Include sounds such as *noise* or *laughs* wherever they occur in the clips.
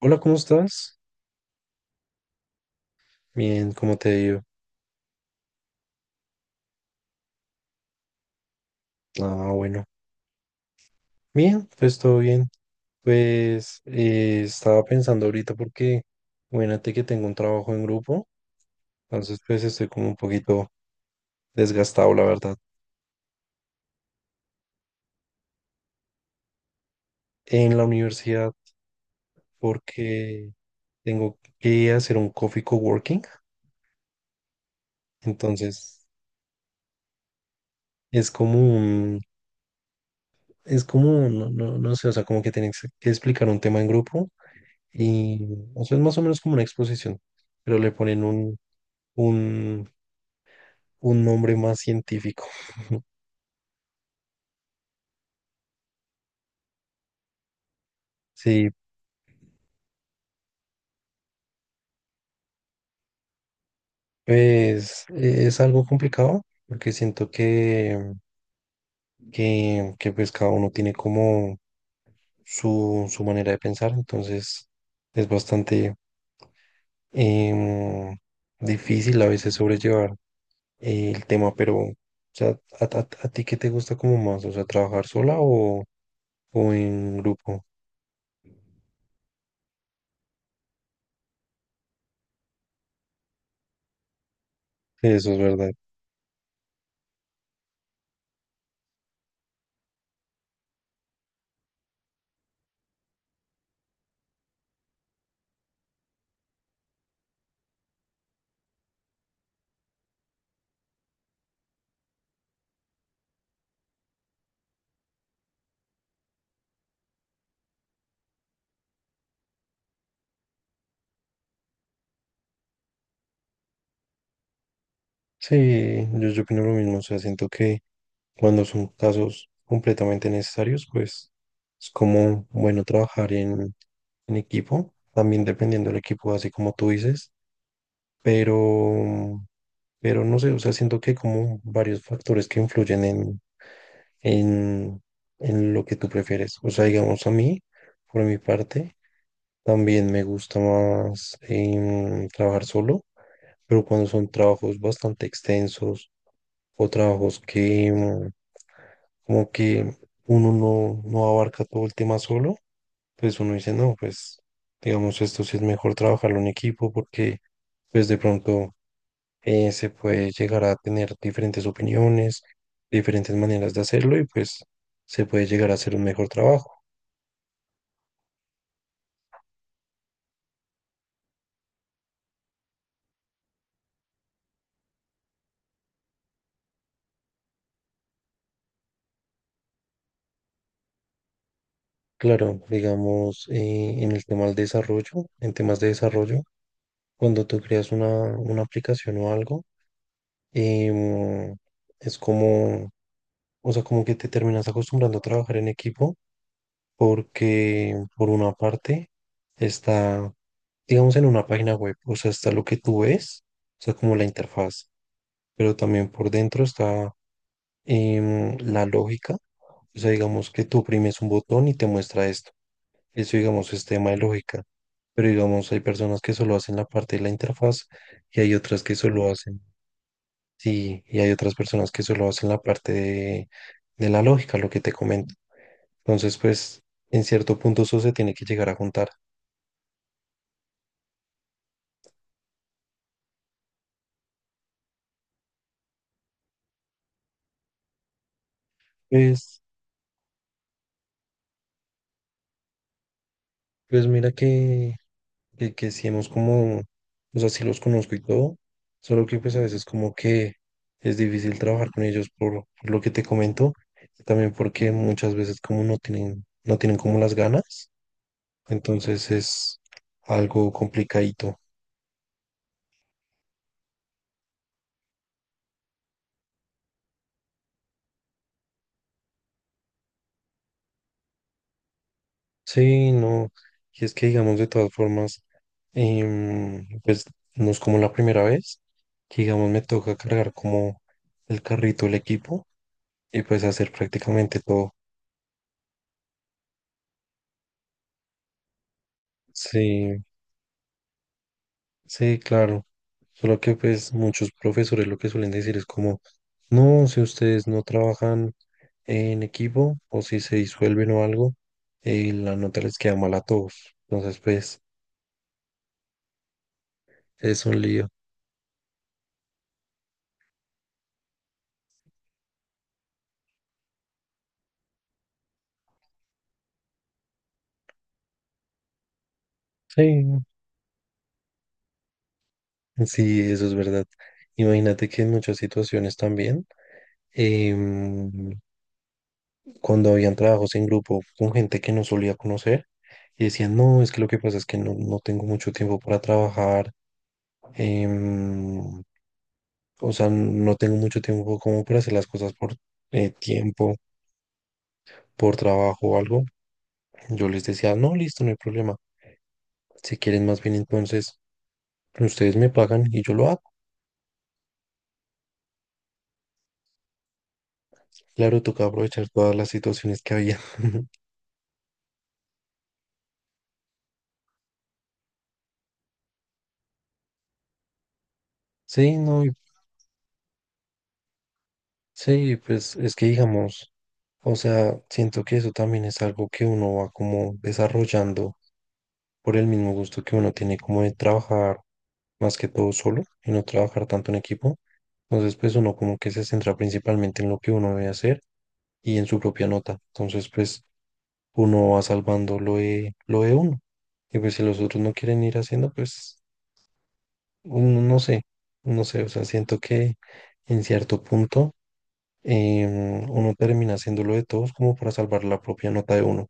Hola, ¿cómo estás? Bien, ¿cómo te digo? Ah, bueno. Bien, pues todo bien. Pues estaba pensando ahorita porque, imagínate que tengo un trabajo en grupo, entonces pues estoy como un poquito desgastado, la verdad, en la universidad porque tengo que hacer un coffee coworking, entonces es como un, es como, no, no, no sé, o sea, como que tienes que explicar un tema en grupo y, o sea, es más o menos como una exposición, pero le ponen un, un nombre más científico. Sí, pues es algo complicado porque siento que, pues cada uno tiene como su manera de pensar, entonces es bastante em, difícil a veces sobrellevar el tema, pero o sea, ¿a, a ti qué te gusta como más? O sea, ¿trabajar sola o en grupo? Sí, eso es verdad. Sí, yo opino lo mismo, o sea, siento que cuando son casos completamente necesarios, pues es como bueno trabajar en equipo, también dependiendo del equipo, así como tú dices, pero, pero no sé, o sea, siento que hay como varios factores que influyen en, en lo que tú prefieres. O sea, digamos a mí, por mi parte, también me gusta más trabajar solo, pero cuando son trabajos bastante extensos o trabajos que, como que uno no, no abarca todo el tema solo, pues uno dice, no, pues digamos, esto sí es mejor trabajarlo en equipo porque pues de pronto se puede llegar a tener diferentes opiniones, diferentes maneras de hacerlo y pues se puede llegar a hacer un mejor trabajo. Claro, digamos, en el tema del desarrollo, en temas de desarrollo, cuando tú creas una aplicación o algo, em, es como, o sea, como que te terminas acostumbrando a trabajar en equipo porque por una parte está, digamos, en una página web, o sea, está lo que tú ves, o sea, como la interfaz, pero también por dentro está la lógica, o sea, digamos que tú oprimes un botón y te muestra esto, eso, digamos, es tema de lógica, pero digamos, hay personas que solo hacen la parte de la interfaz y hay otras que solo hacen, sí, y hay otras personas que solo hacen la parte de la lógica, lo que te comento. Entonces, pues, en cierto punto eso se tiene que llegar a juntar. Pues, pues mira que, que sí hemos como, o sea, sí los conozco y todo, solo que pues a veces como que es difícil trabajar con ellos por lo que te comento, y también porque muchas veces como no tienen, no tienen como las ganas, entonces es algo complicadito. Sí, no, y es que digamos de todas formas, pues no es como la primera vez que digamos me toca cargar como el carrito, el equipo, y pues hacer prácticamente todo. Sí, sí, claro. Solo que pues muchos profesores lo que suelen decir es como, no, si ustedes no trabajan en equipo o si se disuelven o algo, la nota les queda mal a todos. Entonces pues es un lío. Sí, sí, eso es verdad. Imagínate que en muchas situaciones también, em, cuando habían trabajos en grupo con gente que no solía conocer, y decían, no, es que lo que pasa es que no, no tengo mucho tiempo para trabajar. em, O sea, no tengo mucho tiempo como para hacer las cosas por tiempo, por trabajo o algo. Yo les decía, no, listo, no hay problema. Si quieren más bien, entonces ustedes me pagan y yo lo hago. Claro, toca aprovechar todas las situaciones que había. *laughs* Sí, no, sí, pues es que digamos, o sea, siento que eso también es algo que uno va como desarrollando por el mismo gusto que uno tiene como de trabajar más que todo solo y no trabajar tanto en equipo. Entonces, pues uno como que se centra principalmente en lo que uno debe hacer y en su propia nota. Entonces, pues uno va salvando lo de uno. Y pues si los otros no quieren ir haciendo, pues uno no sé, no sé, o sea, siento que en cierto punto uno termina haciendo lo de todos como para salvar la propia nota de uno.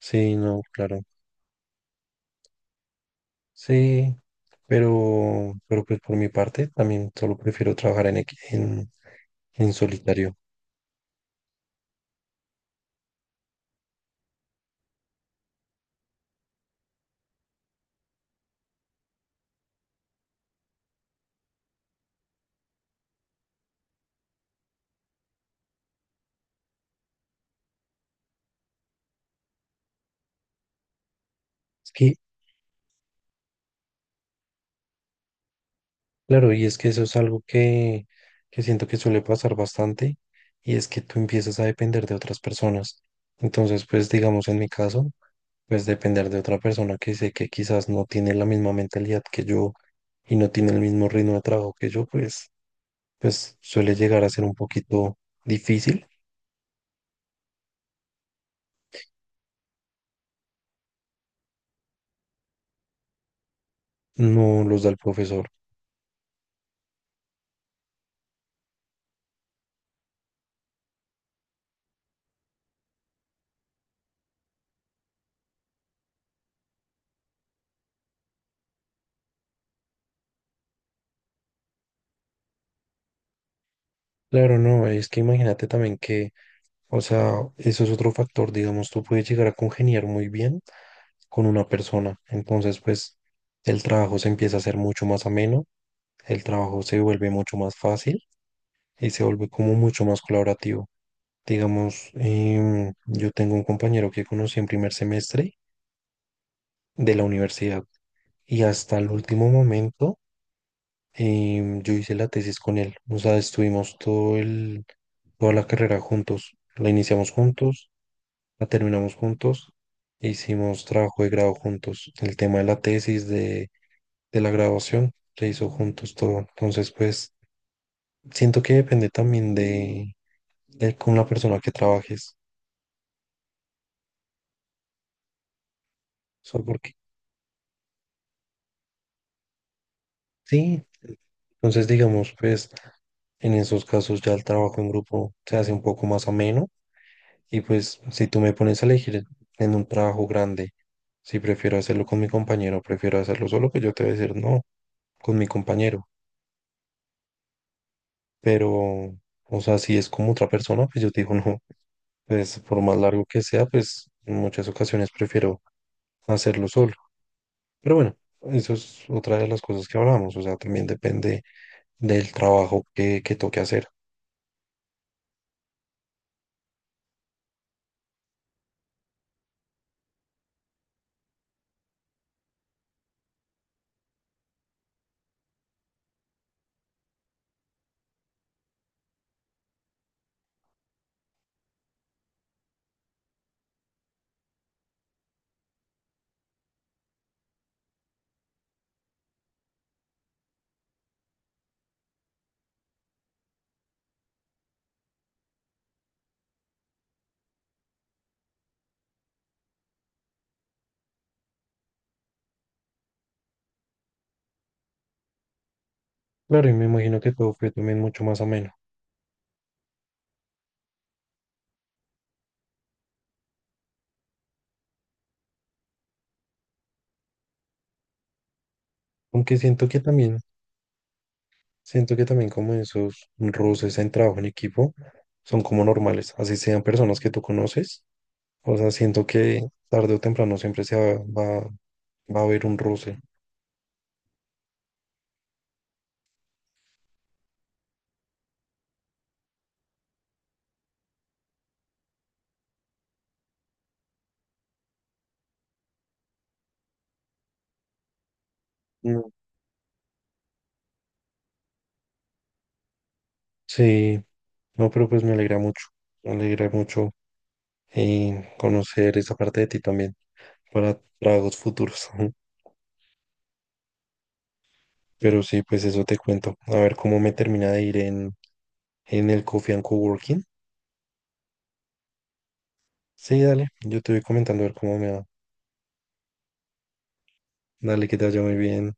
Sí, no, claro. Sí, pero pues por mi parte también solo prefiero trabajar en, en solitario. Es que, claro, y es que eso es algo que siento que suele pasar bastante, y es que tú empiezas a depender de otras personas. Entonces, pues digamos en mi caso, pues depender de otra persona que sé que quizás no tiene la misma mentalidad que yo y no tiene el mismo ritmo de trabajo que yo, pues, pues suele llegar a ser un poquito difícil, no los da el profesor. Claro, no, es que imagínate también que, o sea, eso es otro factor, digamos, tú puedes llegar a congeniar muy bien con una persona. Entonces, pues el trabajo se empieza a hacer mucho más ameno, el trabajo se vuelve mucho más fácil y se vuelve como mucho más colaborativo. Digamos, yo tengo un compañero que conocí en primer semestre de la universidad y hasta el último momento yo hice la tesis con él. O sea, estuvimos todo el, toda la carrera juntos. La iniciamos juntos, la terminamos juntos, hicimos trabajo de grado juntos. El tema de la tesis, de la grabación, le hizo juntos todo. Entonces, pues siento que depende también de con la persona que trabajes. Solo porque sí, entonces digamos, pues en esos casos ya el trabajo en grupo se hace un poco más ameno. Y pues si tú me pones a elegir en un trabajo grande, si prefiero hacerlo con mi compañero, prefiero hacerlo solo, pues yo te voy a decir no, con mi compañero. Pero, o sea, si es como otra persona, pues yo te digo *laughs* no. Pues por más largo que sea, pues en muchas ocasiones prefiero hacerlo solo. Pero bueno, eso es otra de las cosas que hablamos, o sea, también depende del trabajo que toque hacer. Claro, y me imagino que todo fue también mucho más ameno, aunque siento que también como esos roces en trabajo en equipo son como normales, así sean personas que tú conoces, o sea, siento que tarde o temprano siempre se va, va a haber un roce. Mm. Sí, no, pero pues me alegra mucho conocer esa parte de ti también para tragos futuros. *laughs* Pero sí, pues eso te cuento. A ver cómo me termina de ir en el Coffee and Coworking. Sí, dale, yo te voy comentando a ver cómo me va. Dale, que te vaya muy bien.